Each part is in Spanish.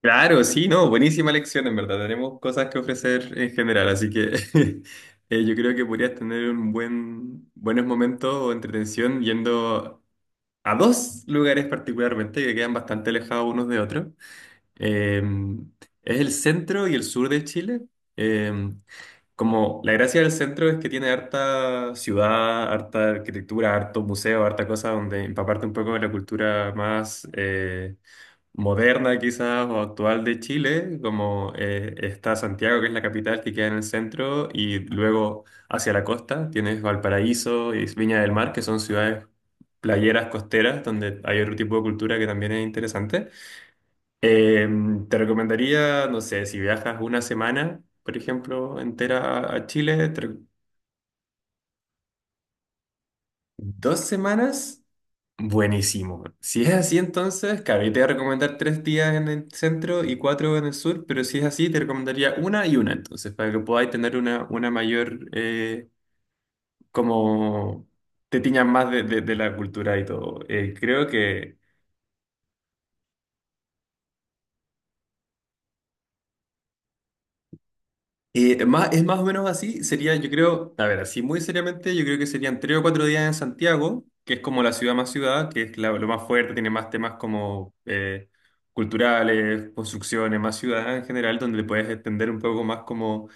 Claro, sí, no, buenísima lección, en verdad. Tenemos cosas que ofrecer en general, así que yo creo que podrías tener buenos momentos o entretención yendo a dos lugares particularmente que quedan bastante alejados unos de otros. Eh, es el centro y el sur de Chile. Eh, Como la gracia del centro es que tiene harta ciudad, harta arquitectura, harto museo, harta cosa donde empaparte un poco de la cultura más... moderna quizás o actual de Chile, como está Santiago, que es la capital que queda en el centro, y luego hacia la costa tienes Valparaíso y Viña del Mar, que son ciudades playeras costeras, donde hay otro tipo de cultura que también es interesante. Eh, Te recomendaría, no sé, si viajas una semana, por ejemplo, entera a Chile, 2 semanas. Buenísimo. Si es así, entonces, claro, yo te voy a recomendar 3 días en el centro y 4 en el sur, pero si es así, te recomendaría una y una, entonces, para que podáis tener una mayor, como te tiñas más de la cultura y todo. Creo que más, es más o menos así, sería, yo creo, a ver, así muy seriamente, yo creo que serían 3 o 4 días en Santiago, que es como la ciudad más ciudad, que es lo más fuerte, tiene más temas como culturales, construcciones, más ciudad en general, donde puedes entender un poco más como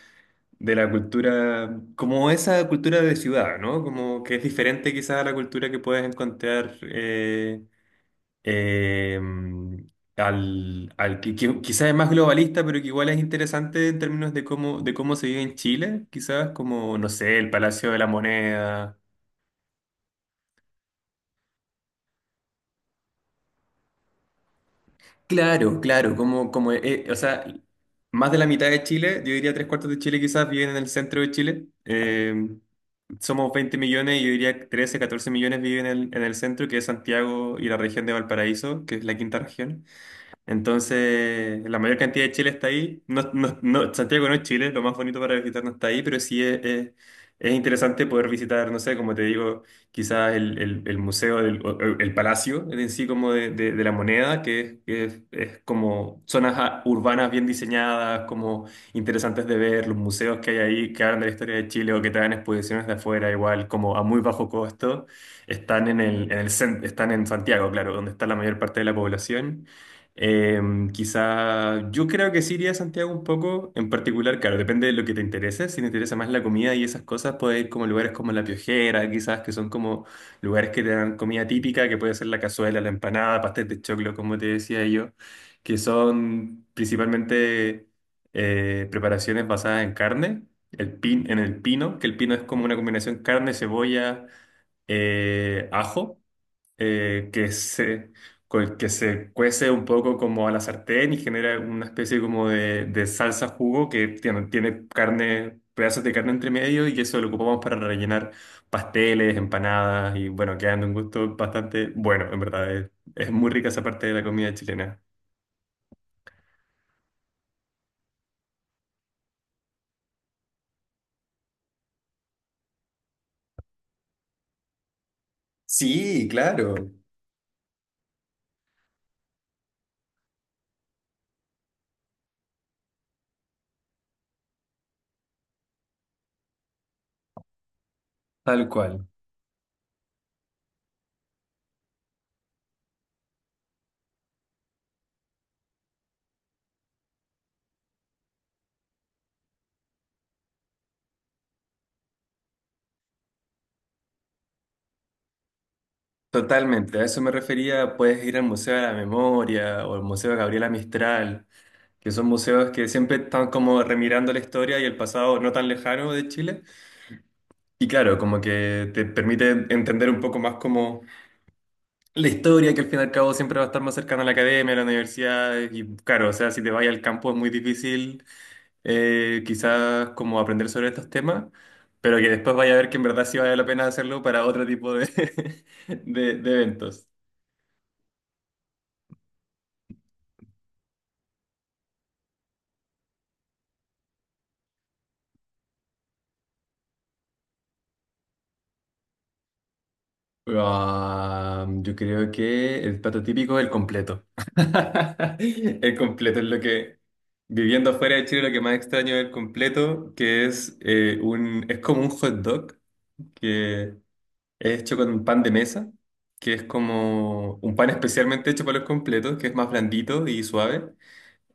de la cultura, como esa cultura de ciudad, ¿no? Como que es diferente quizás a la cultura que puedes encontrar. Eh, al que quizás es más globalista, pero que igual es interesante en términos de cómo se vive en Chile, quizás como, no sé, el Palacio de la Moneda. Claro, claro, como, o sea, más de la mitad de Chile, yo diría tres cuartos de Chile quizás viven en el centro de Chile. Somos 20 millones, yo diría 13, 14 millones viven en el centro, que es Santiago y la región de Valparaíso, que es la quinta región. Entonces, la mayor cantidad de Chile está ahí. Santiago no es Chile, lo más bonito para visitar no está ahí, pero es interesante poder visitar, no sé, como te digo, quizás el museo, palacio en sí como de la moneda, que, es, es como zonas urbanas bien diseñadas, como interesantes de ver, los museos que hay ahí que hablan de la historia de Chile o que traen exposiciones de afuera, igual, como a muy bajo costo, están están en Santiago, claro, donde está la mayor parte de la población. Quizá yo creo que sí iría a Santiago un poco, en particular, claro, depende de lo que te interese. Si te interesa más la comida y esas cosas, puedes ir como lugares como La Piojera, quizás que son como lugares que te dan comida típica, que puede ser la cazuela, la empanada, pastel de choclo, como te decía yo, que son principalmente preparaciones basadas en carne, en el pino, que el pino es como una combinación carne, cebolla, ajo, eh, que se, que se cuece un poco como a la sartén y genera una especie como de salsa jugo que tiene, tiene carne, pedazos de carne entre medio y eso lo ocupamos para rellenar pasteles, empanadas y bueno, quedan de un gusto bastante bueno, en verdad. Es muy rica esa parte de la comida chilena. Sí, claro. Tal cual. Totalmente, a eso me refería, puedes ir al Museo de la Memoria o al Museo de Gabriela Mistral, que son museos que siempre están como remirando la historia y el pasado no tan lejano de Chile. Y claro, como que te permite entender un poco más como la historia, que al fin y al cabo siempre va a estar más cercana a la academia, a la universidad. Y claro, o sea, si te vas al campo es muy difícil quizás como aprender sobre estos temas, pero que después vaya a ver que en verdad sí vale la pena hacerlo para otro tipo de, de eventos. Ah, yo creo que el plato típico es el completo. El completo es lo que, viviendo afuera de Chile, lo que más extraño es el completo, que es, es como un hot dog que es hecho con pan de mesa, que es como un pan especialmente hecho para los completos, que es más blandito y suave.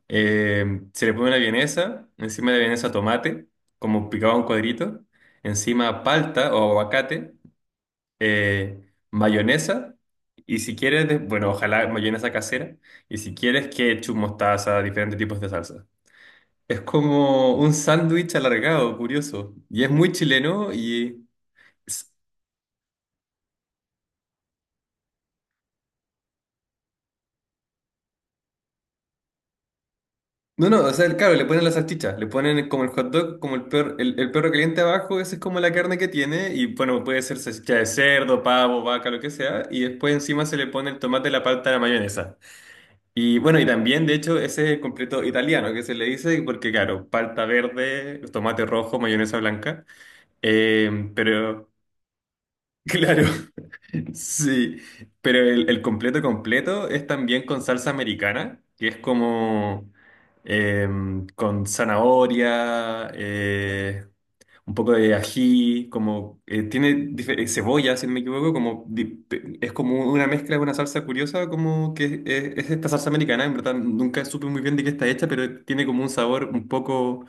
Eh, Se le pone una vienesa, encima de la vienesa tomate, como picado en cuadritos, encima palta o aguacate, eh, mayonesa y si quieres, bueno, ojalá mayonesa casera y si quieres ketchup, mostaza, diferentes tipos de salsa. Es como un sándwich alargado, curioso. Y es muy chileno y... s- No, no, o sea, claro, le ponen la salchicha, le ponen como el hot dog, como el perro, el perro caliente abajo, esa es como la carne que tiene y bueno, puede ser salchicha de cerdo, pavo, vaca, lo que sea, y después encima se le pone el tomate, la palta, la mayonesa. Y bueno, y también, de hecho, ese es el completo italiano que se le dice, porque claro, palta verde, tomate rojo, mayonesa blanca. Pero, claro, sí. Pero el completo completo es también con salsa americana, que es como eh, con zanahoria, un poco de ají, como tiene cebolla, si no me equivoco, como es como una mezcla de una salsa curiosa, como que es, es esta salsa americana, en verdad nunca supe muy bien de qué está hecha, pero tiene como un sabor un poco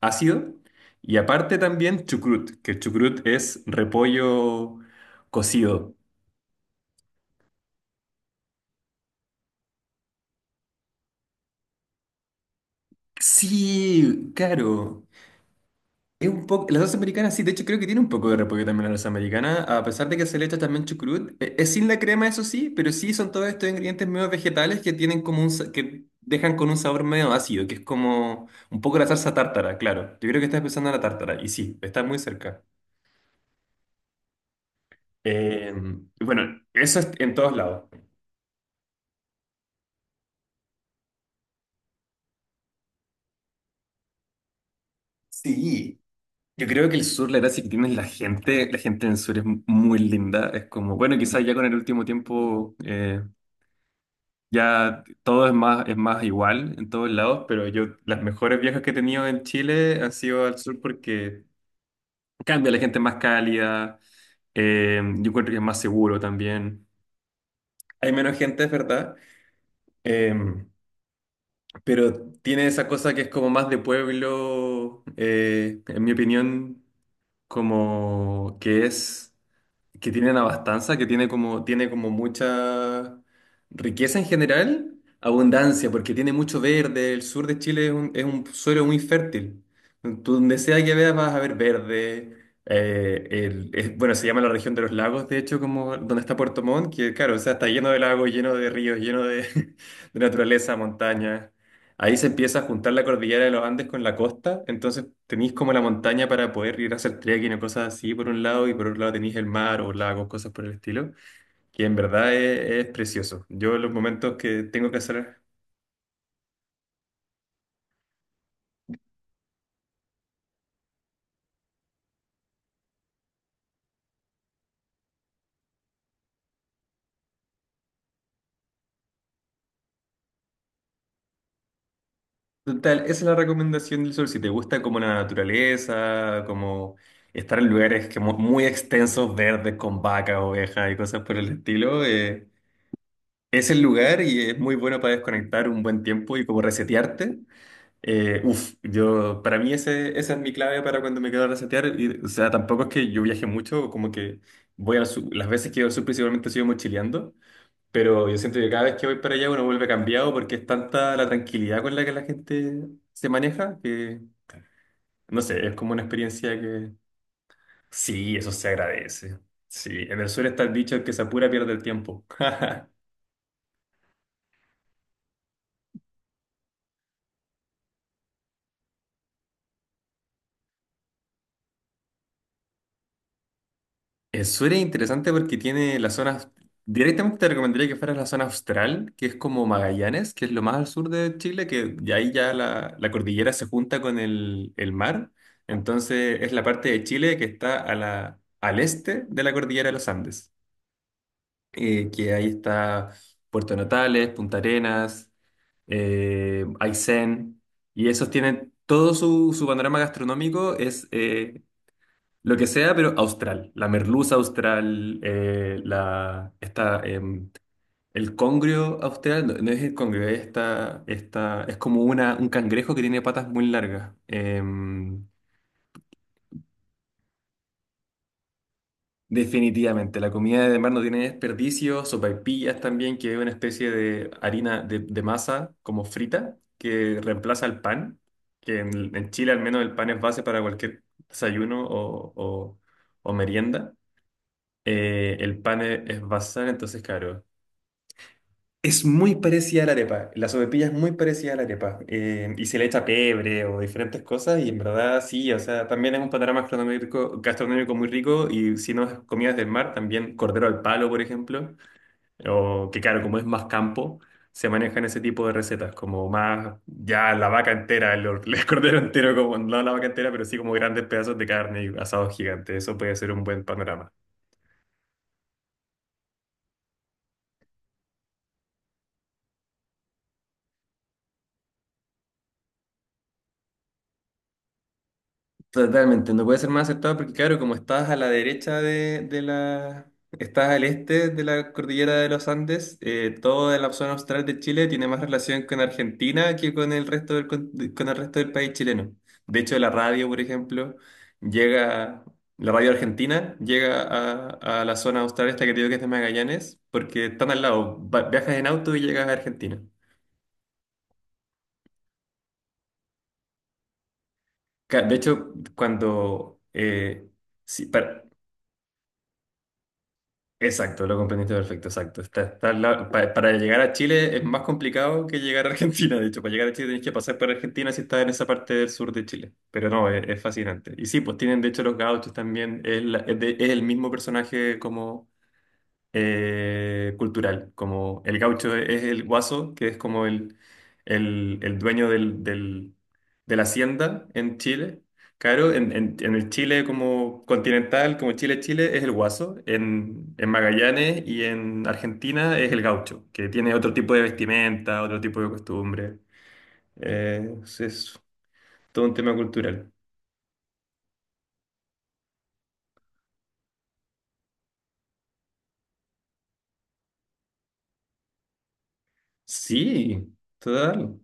ácido. Y aparte también chucrut, que el chucrut es repollo cocido. Sí, claro. Es un poco, la salsa americana sí, de hecho creo que tiene un poco de repollo también la salsa americana, a pesar de que se le echa también chucrut. Es sin la crema eso sí, pero sí son todos estos ingredientes medio vegetales que tienen como un, que dejan con un sabor medio ácido, que es como un poco la salsa tártara, claro, yo creo que estás pensando en la tártara, y sí, está muy cerca. Eh, bueno, eso es en todos lados. Sí. Yo creo que el sur, la gracia que tiene es la gente en el sur es muy linda, es como, bueno, quizás ya con el último tiempo ya todo es más igual en todos lados, pero yo las mejores viajes que he tenido en Chile han sido al sur porque cambia, la gente es más cálida, yo encuentro que es más seguro también. Hay menos gente, es verdad, eh, pero tiene esa cosa que es como más de pueblo, en mi opinión, como que es, que tienen abastanza, que tiene como mucha riqueza en general, abundancia, porque tiene mucho verde. El sur de Chile es un suelo muy fértil. Tú donde sea que veas vas a ver verde. Bueno, se llama la región de los lagos, de hecho, como donde está Puerto Montt, que claro, o sea, está lleno de lagos, lleno de ríos, lleno de, de naturaleza, montañas. Ahí se empieza a juntar la cordillera de los Andes con la costa, entonces tenéis como la montaña para poder ir a hacer trekking o cosas así por un lado, y por otro lado tenéis el mar o lagos, cosas por el estilo, que en verdad es precioso. Yo los momentos que tengo que hacer. Total, esa es la recomendación del sol. Si te gusta como la naturaleza, como estar en lugares que muy extensos, verdes, con vacas, ovejas y cosas por el estilo, es el lugar y es muy bueno para desconectar un buen tiempo y como resetearte. Uf, yo, para mí ese, esa es mi clave para cuando me quedo a resetear. Y, o sea, tampoco es que yo viaje mucho, como que voy al sur, las veces que voy al sur principalmente sigo mochileando, pero yo siento que cada vez que voy para allá uno vuelve cambiado porque es tanta la tranquilidad con la que la gente se maneja que, no sé, es como una experiencia que sí, eso se agradece. Sí, en el sur está el dicho el que se apura pierde el tiempo. Eso era interesante porque tiene las zonas, directamente te recomendaría que fueras a la zona austral, que es como Magallanes, que es lo más al sur de Chile, que ya ahí ya la cordillera se junta con el mar. Entonces es la parte de Chile que está al este de la cordillera de los Andes, que ahí está Puerto Natales, Punta Arenas, Aysén, y esos tienen todo su panorama gastronómico es, lo que sea, pero austral. La merluza austral, la, esta, el congrio austral, no, no es el congrio, es esta, esta, es como una, un cangrejo que tiene patas muy largas. Definitivamente, la comida de mar no tiene desperdicio, sopaipillas también, que es una especie de harina de masa como frita, que reemplaza el pan, que en Chile al menos el pan es base para cualquier desayuno o merienda. El pan es basal, entonces claro. Es muy parecida a la arepa. La sopaipilla es muy parecida a la arepa. Y se le echa pebre o diferentes cosas. Y en verdad sí, o sea, también es un panorama gastronómico muy rico. Y si no es comidas del mar, también cordero al palo, por ejemplo. O que claro, como es más campo, se manejan ese tipo de recetas. Como más ya la vaca entera, el cordero entero, como no la vaca entera, pero sí como grandes pedazos de carne y asados gigantes. Eso puede ser un buen panorama. Totalmente, no puede ser más acertado porque, claro, como estás a la derecha de la... Estás al este de la cordillera de los Andes, toda la zona austral de Chile tiene más relación con Argentina que con el resto del, con el resto del país chileno. De hecho, la radio, por ejemplo, llega... La radio argentina llega a la zona austral esta que te digo que es de Magallanes porque están al lado. Viajas en auto y llegas a Argentina. De hecho, cuando. Sí, exacto, lo comprendiste perfecto, exacto. Está, está para llegar a Chile es más complicado que llegar a Argentina, de hecho, para llegar a Chile tenés que pasar por Argentina si estás en esa parte del sur de Chile, pero no, es fascinante. Y sí, pues tienen de hecho los gauchos también, es, es el mismo personaje como cultural, como el gaucho es el guaso, que es como el, el dueño del, de la hacienda en Chile. Claro, en el Chile como continental, como Chile, Chile, es el guaso. En Magallanes y en Argentina es el gaucho, que tiene otro tipo de vestimenta, otro tipo de costumbre. Es todo un tema cultural. Sí, total.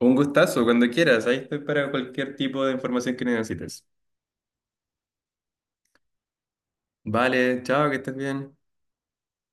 Un gustazo, cuando quieras. Ahí estoy para cualquier tipo de información que necesites. Vale, chao, que estés bien.